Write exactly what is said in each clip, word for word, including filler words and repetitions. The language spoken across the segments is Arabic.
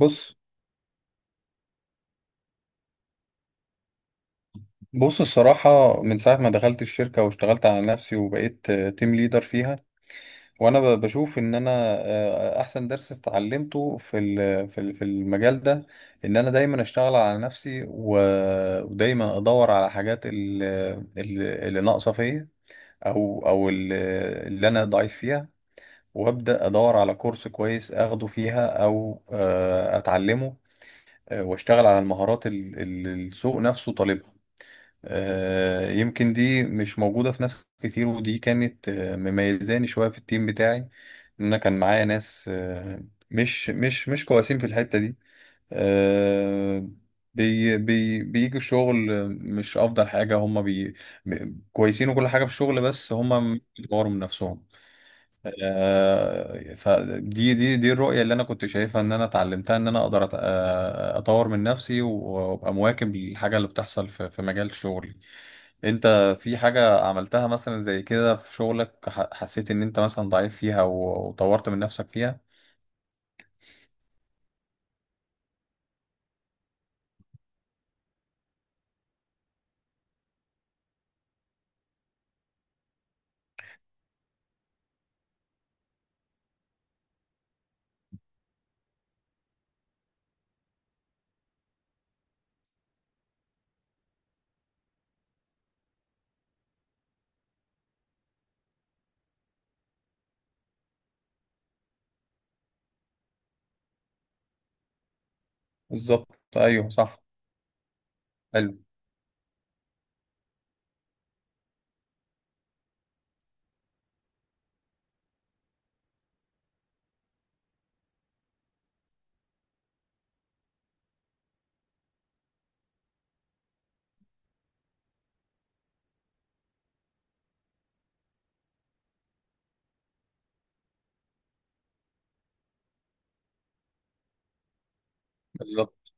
بص بص الصراحة، من ساعة ما دخلت الشركة واشتغلت على نفسي وبقيت تيم ليدر فيها وأنا ب- بشوف إن أنا آه، أحسن درس اتعلمته في ال- في ال- في المجال ده إن أنا دايما أشتغل على نفسي و- ودايما أدور على حاجات ال- ال- اللي ناقصة فيا، أو أو ال- اللي أنا ضعيف فيها، وأبدأ أدور على كورس كويس أخده فيها أو آه، أتعلمه. آه، وأشتغل على المهارات اللي السوق نفسه طالبها. آه، يمكن دي مش موجودة في ناس كتير، ودي كانت آه، مميزاني شوية في التيم بتاعي. إن أنا كان معايا ناس آه، مش مش مش كويسين في الحتة دي، آه، بي بي بيجوا الشغل، آه، مش أفضل حاجة. هما بي بي- كويسين وكل حاجة في الشغل، بس هما بيطوروا من نفسهم. آه، فدي دي دي الرؤية اللي انا كنت شايفها، ان انا اتعلمتها ان انا اقدر أت- آه، اطور من نفسي وابقى مواكب للحاجة اللي بتحصل في في مجال شغلي. انت في حاجة عملتها مثلا زي كده في شغلك، ح- حسيت ان انت مثلا ضعيف فيها و- وطورت من نفسك فيها؟ بالظبط، ايوه صح. حلو. بالظبط.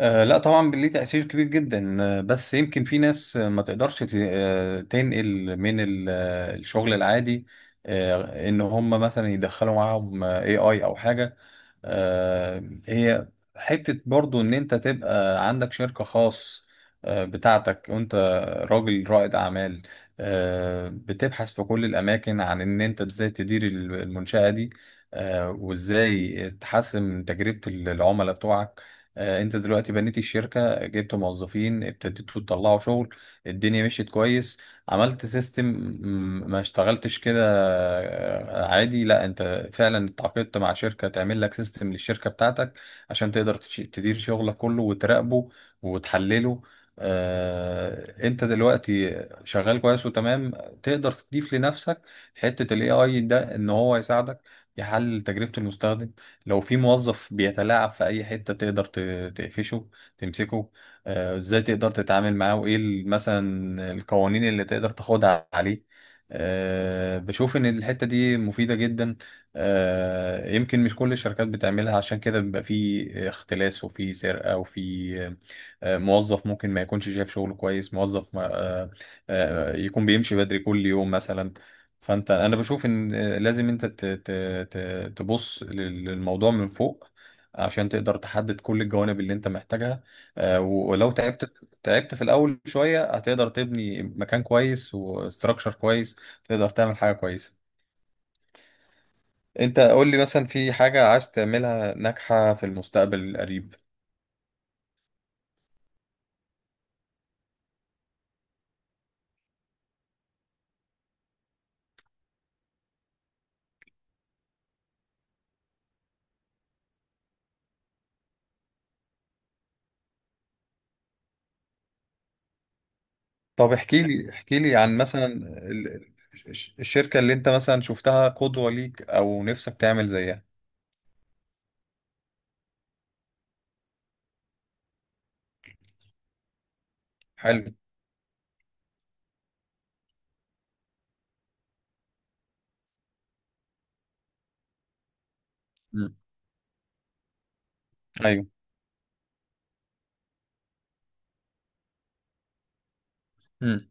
آه لا طبعا، ليه تأثير كبير جدا. آه، بس يمكن في ناس آه، ما تقدرش ت- آه، تنقل من ال- آه، الشغل العادي، آه، ان هم مثلا يدخلوا معاهم اي اي او حاجة. آه، هي حتة برضو، إن أنت تبقى عندك شركة خاص آه، بتاعتك وأنت راجل رائد أعمال، آه، بتبحث في كل الأماكن عن إن أنت إزاي تدير ال- المنشأة دي، آه، وإزاي تحسن من تجربة ال- العملاء بتوعك. آه، أنت دلوقتي بنيت الشركة، جبت موظفين، ابتديتوا تطلعوا شغل، الدنيا مشيت كويس، عملت سيستم. ما اشتغلتش كده؟ آه، عادي، لا انت فعلا اتعاقدت مع شركة تعمل لك سيستم للشركة بتاعتك عشان تقدر تش- تدير شغلك كله وتراقبه وتحلله. آه، انت دلوقتي شغال كويس وتمام، تقدر تضيف لنفسك حتة الاي اي ده، ان هو يساعدك يحلل تجربة المستخدم. لو في موظف بيتلاعب في اي حتة، تقدر ت- تقفشه، تمسكه. آه، ازاي تقدر تتعامل معاه، وايه ال- مثلا القوانين اللي تقدر تاخدها عليه. آه، بشوف ان الحتة دي مفيدة جدا. آه، يمكن مش كل الشركات بتعملها، عشان كده بيبقى في اختلاس وفي سرقة وفي آه، موظف ممكن ما يكونش شايف شغله كويس، موظف ما- آه، آه، يكون بيمشي بدري كل يوم مثلا. فانت، انا بشوف ان آه، لازم انت ت- ت- ت- تبص لل- للموضوع من فوق عشان تقدر تحدد كل الجوانب اللي انت محتاجها. آه، ولو تعبت تعبت في الاول شويه، هتقدر تبني مكان كويس وستراكشر كويس، تقدر تعمل حاجه كويسه. انت قول لي مثلا، في حاجه عايز تعملها ناجحه في المستقبل القريب؟ طب احكي لي احكي لي عن مثلا ال- الش- الشركه اللي انت مثلا شفتها قدوه ليك او نفسك تعمل زيها. حلو. مم. ايوه. مم.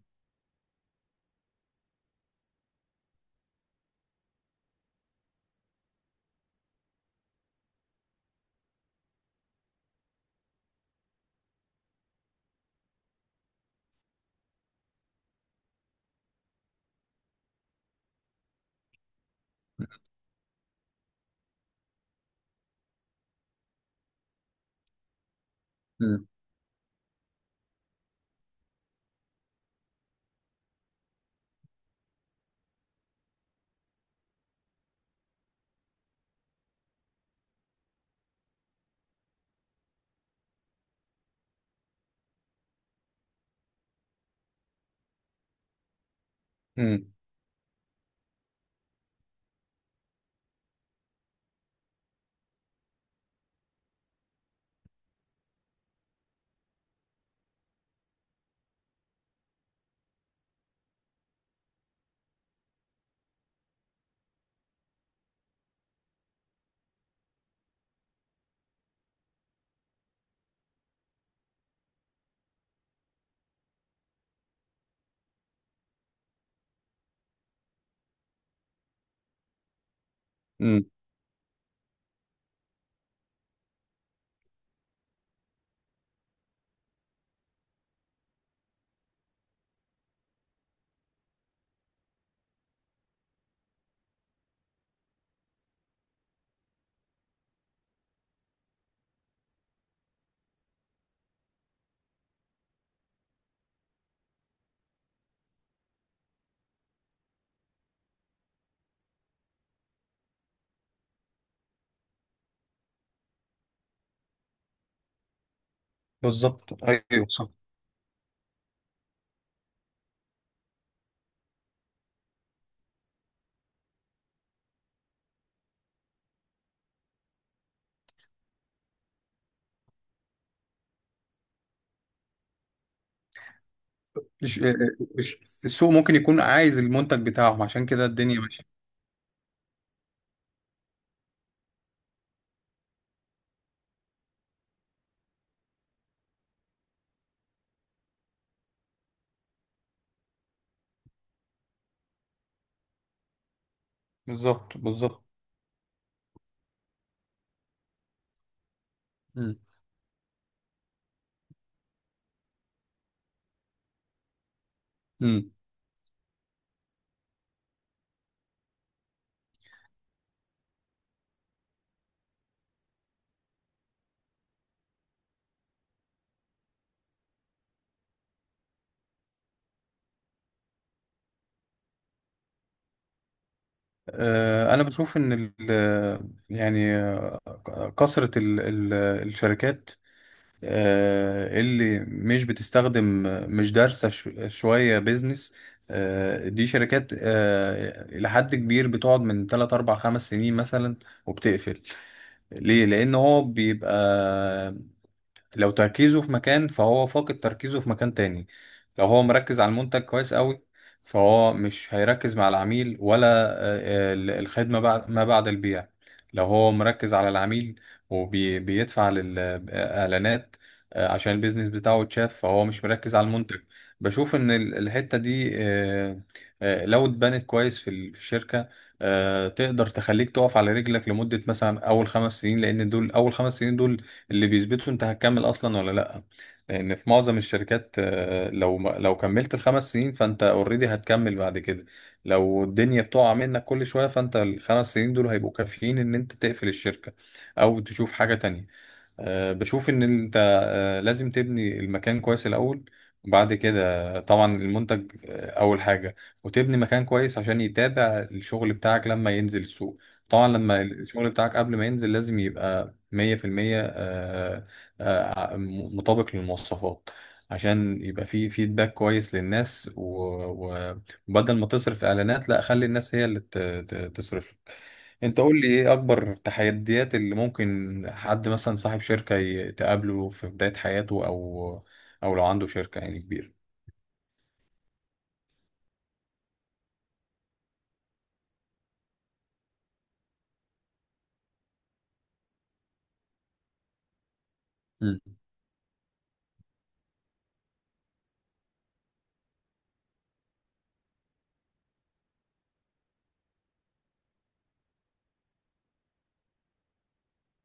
مم. مم. مم. بالظبط، ايوه صح. الش- الش- السوق ممكن يكون عايز المنتج بتاعهم، عشان كده الدنيا ماشيه. بالظبط، بالظبط. مم. مم. آه، انا بشوف ان ال- يعني آه، كثرة ال- ال- الشركات آه، اللي مش بتستخدم، مش دارسة ش- شوية بيزنس، آه، دي شركات آه، إلى حد كبير بتقعد من تلاتة اربعة خمسة سنين مثلا وبتقفل. ليه؟ لأن هو بيبقى لو تركيزه في مكان، فهو فاقد تركيزه في مكان تاني. لو هو مركز على المنتج كويس قوي، فهو مش هيركز مع العميل ولا آه، آه، الخدمة بعد ما بعد البيع. لو هو مركز على العميل وبيدفع للإعلانات آه، عشان البيزنس بتاعه يتشاف، فهو مش مركز على المنتج. بشوف إن ال- الحتة دي آه، آه، لو اتبنت كويس في ال- في الشركة، آه، تقدر تخليك تقف على رجلك لمدة مثلا أول خمس سنين، لأن دول أول خمس سنين دول اللي بيثبتوا انت هتكمل اصلا ولا لا. لان في معظم الشركات، آه، لو ما- لو كملت الخمس سنين فانت اوريدي هتكمل بعد كده. لو الدنيا بتقع منك كل شوية، فانت الخمس سنين دول هيبقوا كافيين ان انت تقفل الشركة او تشوف حاجة تانية. آه، بشوف ان انت آه، لازم تبني المكان كويس الاول، وبعد كده طبعا المنتج آه، اول حاجه، وتبني مكان كويس عشان يتابع الشغل بتاعك لما ينزل السوق. طبعا لما الشغل بتاعك قبل ما ينزل لازم يبقى مية في المية، آه، آه، م- مطابق للمواصفات، عشان يبقى فيه فيدباك كويس للناس و- و- وبدل ما تصرف اعلانات، لا، خلي الناس هي اللي ت- ت- تصرف. انت قول لي، ايه اكبر تحديات اللي ممكن حد مثلا صاحب شركة ي- تقابله في بداية حياته، او او لو عنده شركة يعني كبيرة؟ امم.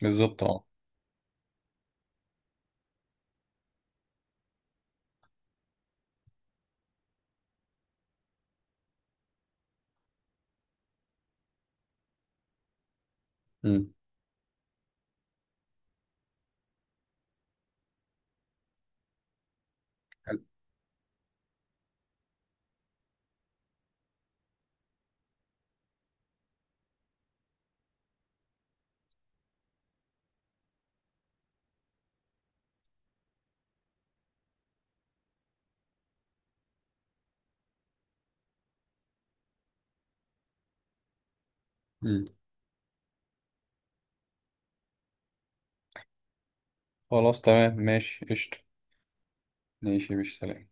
بالظبط. اه. امم. امم. خلاص تمام، ماشي، قشطة. ماشي، مش سلام.